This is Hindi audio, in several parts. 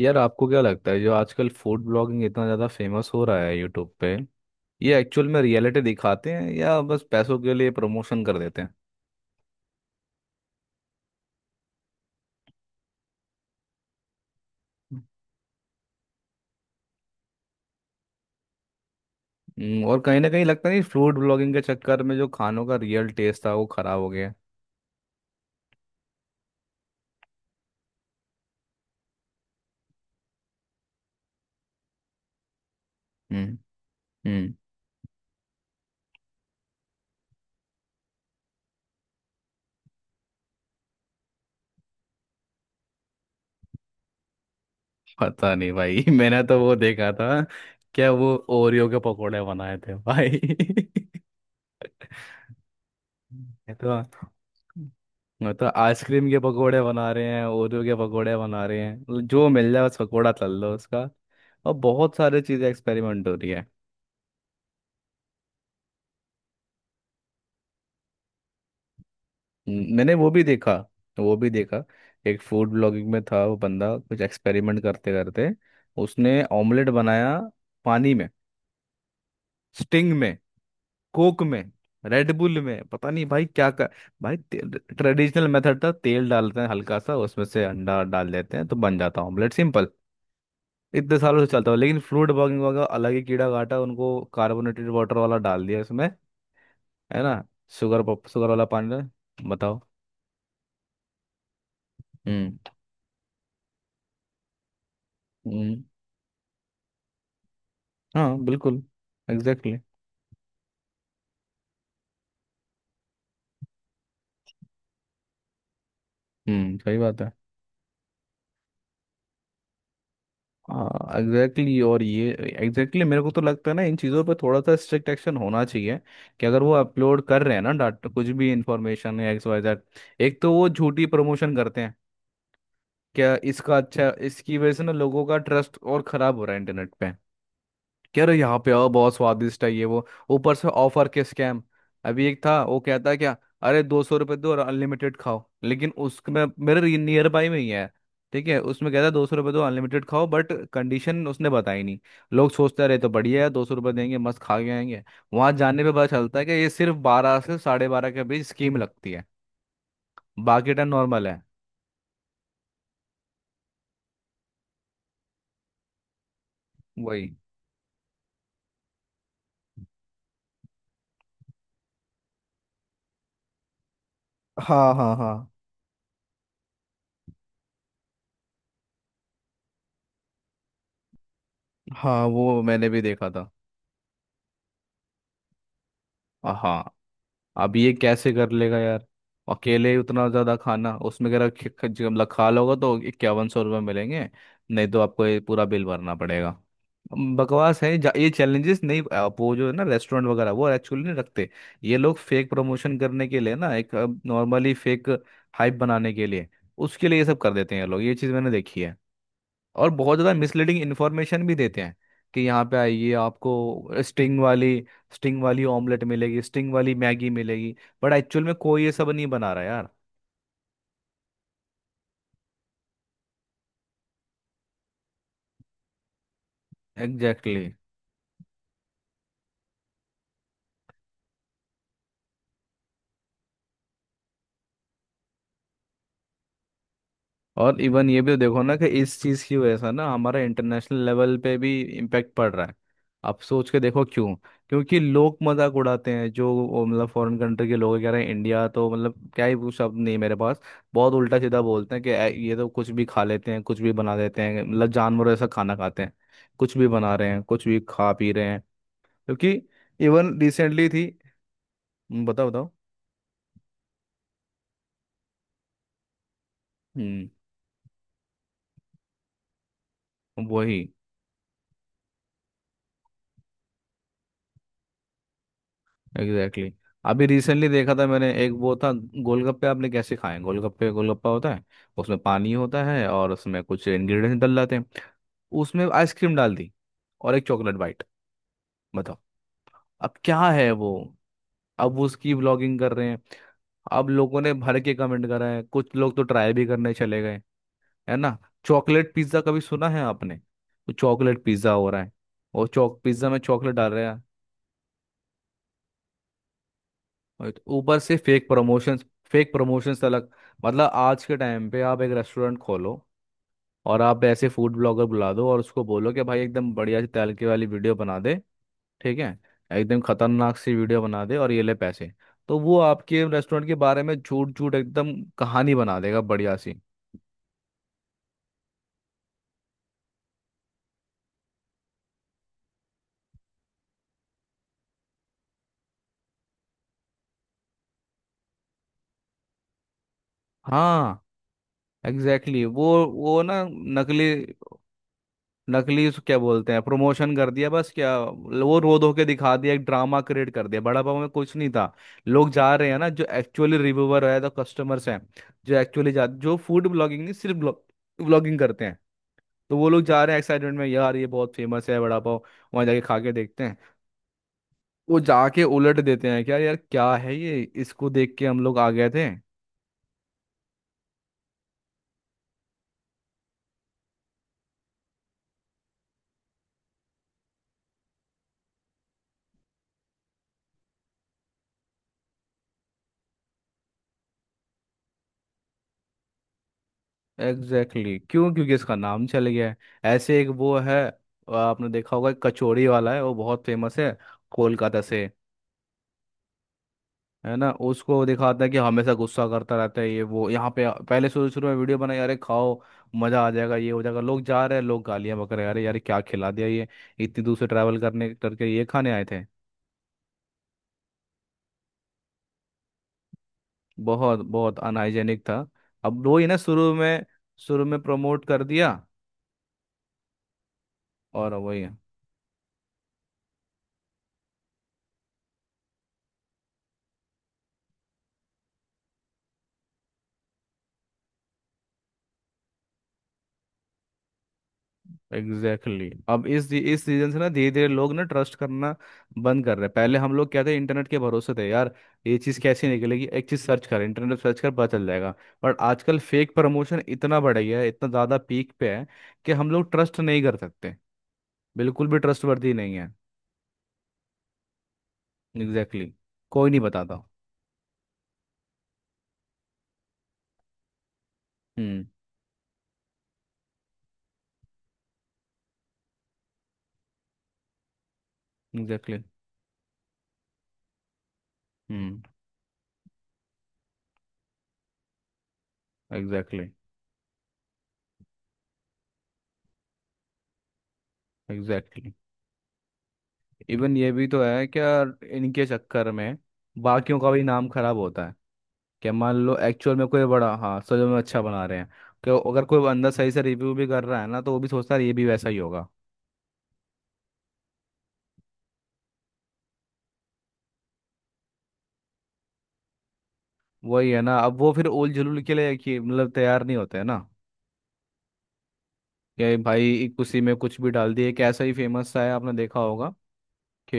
यार, आपको क्या लगता है जो आजकल फूड ब्लॉगिंग इतना ज़्यादा फेमस हो रहा है यूट्यूब पे? ये एक्चुअल में रियलिटी दिखाते हैं या बस पैसों के लिए प्रमोशन कर देते हैं? और कहीं ना कहीं लगता नहीं फूड ब्लॉगिंग के चक्कर में जो खानों का रियल टेस्ट था वो खराब हो गया? हम्म. हम्म. पता नहीं भाई. मैंने तो वो देखा था. क्या वो ओरियो के पकोड़े बनाए थे भाई? ये तो मैं तो आइसक्रीम के पकोड़े बना रहे हैं, ओरियो के पकोड़े बना रहे हैं, जो मिल जाए बस पकोड़ा तल लो उसका. और बहुत सारे चीज़ें एक्सपेरिमेंट हो रही है. मैंने वो भी देखा. वो भी देखा. एक फूड ब्लॉगिंग में था वो बंदा, कुछ एक्सपेरिमेंट करते करते उसने ऑमलेट बनाया पानी में, स्टिंग में, कोक में, रेडबुल में. पता नहीं भाई क्या कर. भाई, ट्रेडिशनल मेथड था, तेल डालते हैं हल्का सा, उसमें से अंडा डाल देते हैं तो बन जाता है ऑमलेट, सिंपल. इतने सालों से चलता हुआ, लेकिन फ्रूट ब्लॉगिंग वाला अलग ही कीड़ा काटा उनको, कार्बोनेटेड वाटर वाला डाल दिया इसमें. है ना? शुगर, शुगर वाला पानी बताओ. हम्म, हाँ बिल्कुल. Exactly exactly. सही बात है. हाँ एग्जैक्टली exactly, और ये एग्जैक्टली exactly, मेरे को तो लगता है ना इन चीज़ों पे थोड़ा सा स्ट्रिक्ट एक्शन होना चाहिए. कि अगर वो अपलोड कर रहे हैं ना डाटा, कुछ भी इंफॉर्मेशन या XYZ. एक तो वो झूठी प्रमोशन करते हैं. क्या इसका अच्छा, इसकी वजह से ना लोगों का ट्रस्ट और खराब हो रहा है इंटरनेट पे. यार यहाँ पे आओ, बहुत स्वादिष्ट है ये वो. ऊपर से ऑफर के स्कैम. अभी एक था वो कहता है क्या, अरे 200 रुपये दो और अनलिमिटेड खाओ, लेकिन उसमें. मेरे नियर बाई में ही है. ठीक है, उसमें कहता है 200 रुपये दो अनलिमिटेड खाओ, बट कंडीशन उसने बताई नहीं. लोग सोचते रहे तो बढ़िया है, 200 रुपये देंगे मस्त खा के आएंगे. वहां जाने पे पता चलता है कि ये सिर्फ 12 से 12:30 के बीच स्कीम लगती है, बाकी टाइम नॉर्मल है. वही. हाँ हाँ हाँ हाँ. वो मैंने भी देखा था. हाँ, अब ये कैसे कर लेगा यार? अकेले उतना ज़्यादा खाना, उसमें अगर जो मतलब खा लोगे तो 5100 रुपये मिलेंगे, नहीं तो आपको ये पूरा बिल भरना पड़ेगा. बकवास है. ये चैलेंजेस नहीं, आप वो जो है ना रेस्टोरेंट वगैरह वो एक्चुअली नहीं रखते. ये लोग फेक प्रमोशन करने के लिए ना, एक नॉर्मली फेक हाइप बनाने के लिए, उसके लिए ये सब कर देते हैं ये लोग, ये चीज़ मैंने देखी है. और बहुत ज़्यादा मिसलीडिंग इन्फॉर्मेशन भी देते हैं, कि यहाँ पे आइए आपको स्टिंग वाली, स्टिंग वाली ऑमलेट मिलेगी, स्टिंग वाली मैगी मिलेगी. बट एक्चुअल में कोई ये सब नहीं बना रहा यार. एग्जैक्टली. और इवन ये भी तो देखो ना, कि इस चीज़ की वजह से ना हमारा इंटरनेशनल लेवल पे भी इम्पैक्ट पड़ रहा है. आप सोच के देखो क्यों. क्योंकि लोग मजाक उड़ाते हैं, जो वो मतलब फॉरेन कंट्री के लोग कह रहे हैं इंडिया तो मतलब, क्या ही वो, शब्द नहीं है मेरे पास. बहुत उल्टा सीधा बोलते हैं कि "ऐ, ये तो कुछ भी खा लेते हैं, कुछ भी बना देते हैं, मतलब जानवर ऐसा खाना खाते हैं, कुछ भी बना रहे हैं, कुछ भी खा पी रहे हैं." क्योंकि इवन रिसेंटली थी. बताओ बताओ. हम्म. वही. Exactly exactly. अभी रिसेंटली देखा था मैंने एक, वो था गोलगप्पे. आपने कैसे खाए हैं गोलगप्पे? गोलगप्पा होता है, उसमें पानी होता है और उसमें कुछ इंग्रेडिएंट्स डल जाते हैं. उसमें आइसक्रीम डाल दी और एक चॉकलेट बाइट. बताओ, अब क्या है वो. अब वो उसकी व्लॉगिंग कर रहे हैं. अब लोगों ने भर के कमेंट करा है, कुछ लोग तो ट्राई भी करने चले गए. है ना? चॉकलेट पिज्ज़ा कभी सुना है आपने? वो चॉकलेट पिज्ज़ा हो रहा है. वो चॉक पिज्ज़ा में चॉकलेट डाल रहे हैं. right, ऊपर से फेक प्रमोशंस. फेक प्रमोशंस अलग. मतलब आज के टाइम पे आप एक रेस्टोरेंट खोलो, और आप ऐसे फूड ब्लॉगर बुला दो और उसको बोलो कि भाई एकदम बढ़िया सी तैलके वाली वीडियो बना दे, ठीक है, एकदम खतरनाक सी वीडियो बना दे और ये ले पैसे. तो वो आपके रेस्टोरेंट के बारे में झूठ झूठ एकदम कहानी बना देगा बढ़िया सी. हाँ एग्जैक्टली exactly. वो ना, नकली, नकली उसको क्या बोलते हैं, प्रमोशन कर दिया बस, क्या वो रो धो के दिखा दिया, एक ड्रामा क्रिएट कर दिया, बड़ा पाव में कुछ नहीं था. लोग जा रहे हैं ना, जो एक्चुअली रिव्यूवर है तो कस्टमर्स हैं, जो एक्चुअली जा जो फूड ब्लॉगिंग नहीं, सिर्फ ब्लॉगिंग करते हैं, तो वो लोग जा रहे हैं एक्साइटमेंट में, यार ये बहुत फेमस है बड़ा पाव, वहाँ जाके खा के देखते हैं. वो जाके उलट देते हैं, क्या यार क्या है ये, इसको देख के हम लोग आ गए थे. Exactly exactly. क्यों? क्योंकि इसका नाम चल गया है. ऐसे एक वो है, आपने देखा होगा, एक कचौड़ी वाला है, वो बहुत फेमस है कोलकाता से. है ना? उसको दिखाता है कि हमेशा गुस्सा करता रहता है ये वो, यहाँ पे पहले शुरू शुरू में वीडियो बनाई, अरे खाओ मजा आ जाएगा, ये हो जाएगा. लोग जा रहे हैं, लोग गालियां बक रहे हैं, अरे यार क्या खिला दिया ये, इतनी दूर से ट्रैवल करने करके ये खाने आए थे. बहुत बहुत अनहाइजेनिक था. अब वो ही ना, शुरू में, शुरू में प्रमोट कर दिया. और वही एग्जैक्टली exactly. अब इस सीजन से ना धीरे धीरे लोग ना ट्रस्ट करना बंद कर रहे हैं. पहले हम लोग क्या थे, इंटरनेट के भरोसे थे यार. ये चीज़ कैसी निकलेगी, एक चीज़ सर्च कर, इंटरनेट सर्च कर पता चल जाएगा. बट आजकल फेक प्रमोशन इतना बढ़ गया है, इतना ज़्यादा पीक पे है कि हम लोग ट्रस्ट नहीं कर सकते. बिल्कुल भी ट्रस्टवर्दी नहीं है. Exactly exactly. कोई नहीं बताता. Hmm. Exactly. Hmm. Exactly. Exactly. Even ये भी तो है क्या, इनके चक्कर में बाकियों का भी नाम खराब होता है. क्या, मान लो एक्चुअल में कोई बड़ा, हाँ सच में अच्छा बना रहे हैं, कि अगर कोई बंदा सही से रिव्यू भी कर रहा है ना, तो वो भी सोचता है ये भी वैसा ही होगा. वही है ना, अब वो फिर ओल जुलूल के लिए कि मतलब तैयार नहीं होते, है ना? कि भाई उसी में कुछ भी डाल दिए. एक ऐसा ही फेमस सा है, आपने देखा होगा कि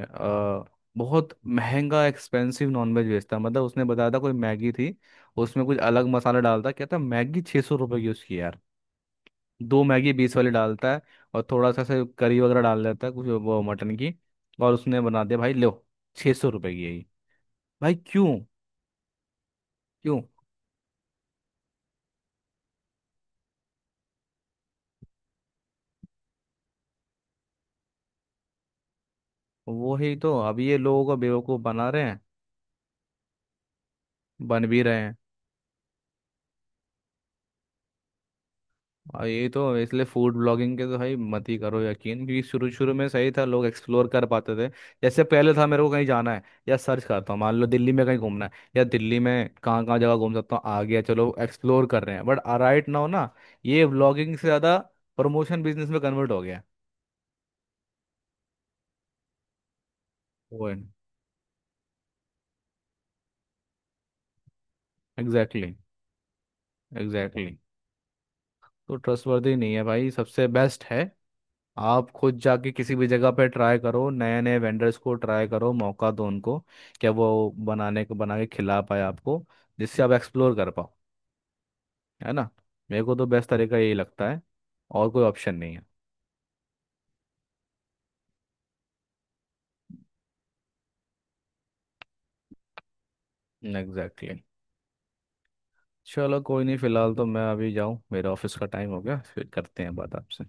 अ, बहुत महंगा एक्सपेंसिव नॉनवेज बेचता है. मतलब उसने बताया था, कोई मैगी थी, उसमें कुछ अलग मसाला डालता, कहता मैगी 600 रुपये की उसकी यार. दो मैगी 20 वाली डालता है और थोड़ा सा से करी वगैरह डाल देता है, कुछ वो मटन की, और उसने बना दिया, भाई लो 600 रुपये की, यही. भाई क्यों. क्यों. वही तो, अब ये लोगों को बेवकूफ़ बना रहे हैं. बन भी रहे हैं. और ये तो, इसलिए फूड ब्लॉगिंग के तो भाई मत ही करो यकीन, क्योंकि शुरू शुरू में सही था, लोग एक्सप्लोर कर पाते थे. जैसे पहले था मेरे को कहीं जाना है या सर्च करता हूँ, मान लो दिल्ली में कहीं घूमना है या दिल्ली में कहाँ कहाँ जगह घूम सकता हूँ, आ गया, चलो एक्सप्लोर कर रहे हैं. बट राइट नाउ ना, ये ब्लॉगिंग से ज़्यादा प्रमोशन बिजनेस में कन्वर्ट हो गया है. वो. एग्जैक्टली. एग्जैक्टली. तो ट्रस्टवर्दी नहीं है भाई. सबसे बेस्ट है, आप खुद जाके किसी भी जगह पे ट्राई करो, नए नए वेंडर्स को ट्राई करो, मौका दो उनको, क्या वो बनाने को बना के खिला पाए आपको, जिससे आप एक्सप्लोर कर पाओ. है ना? मेरे को तो बेस्ट तरीका यही लगता है, और कोई ऑप्शन नहीं है. Exactly exactly. चलो कोई नहीं, फिलहाल तो मैं अभी जाऊँ, मेरा ऑफिस का टाइम हो गया, फिर करते हैं बात आपसे.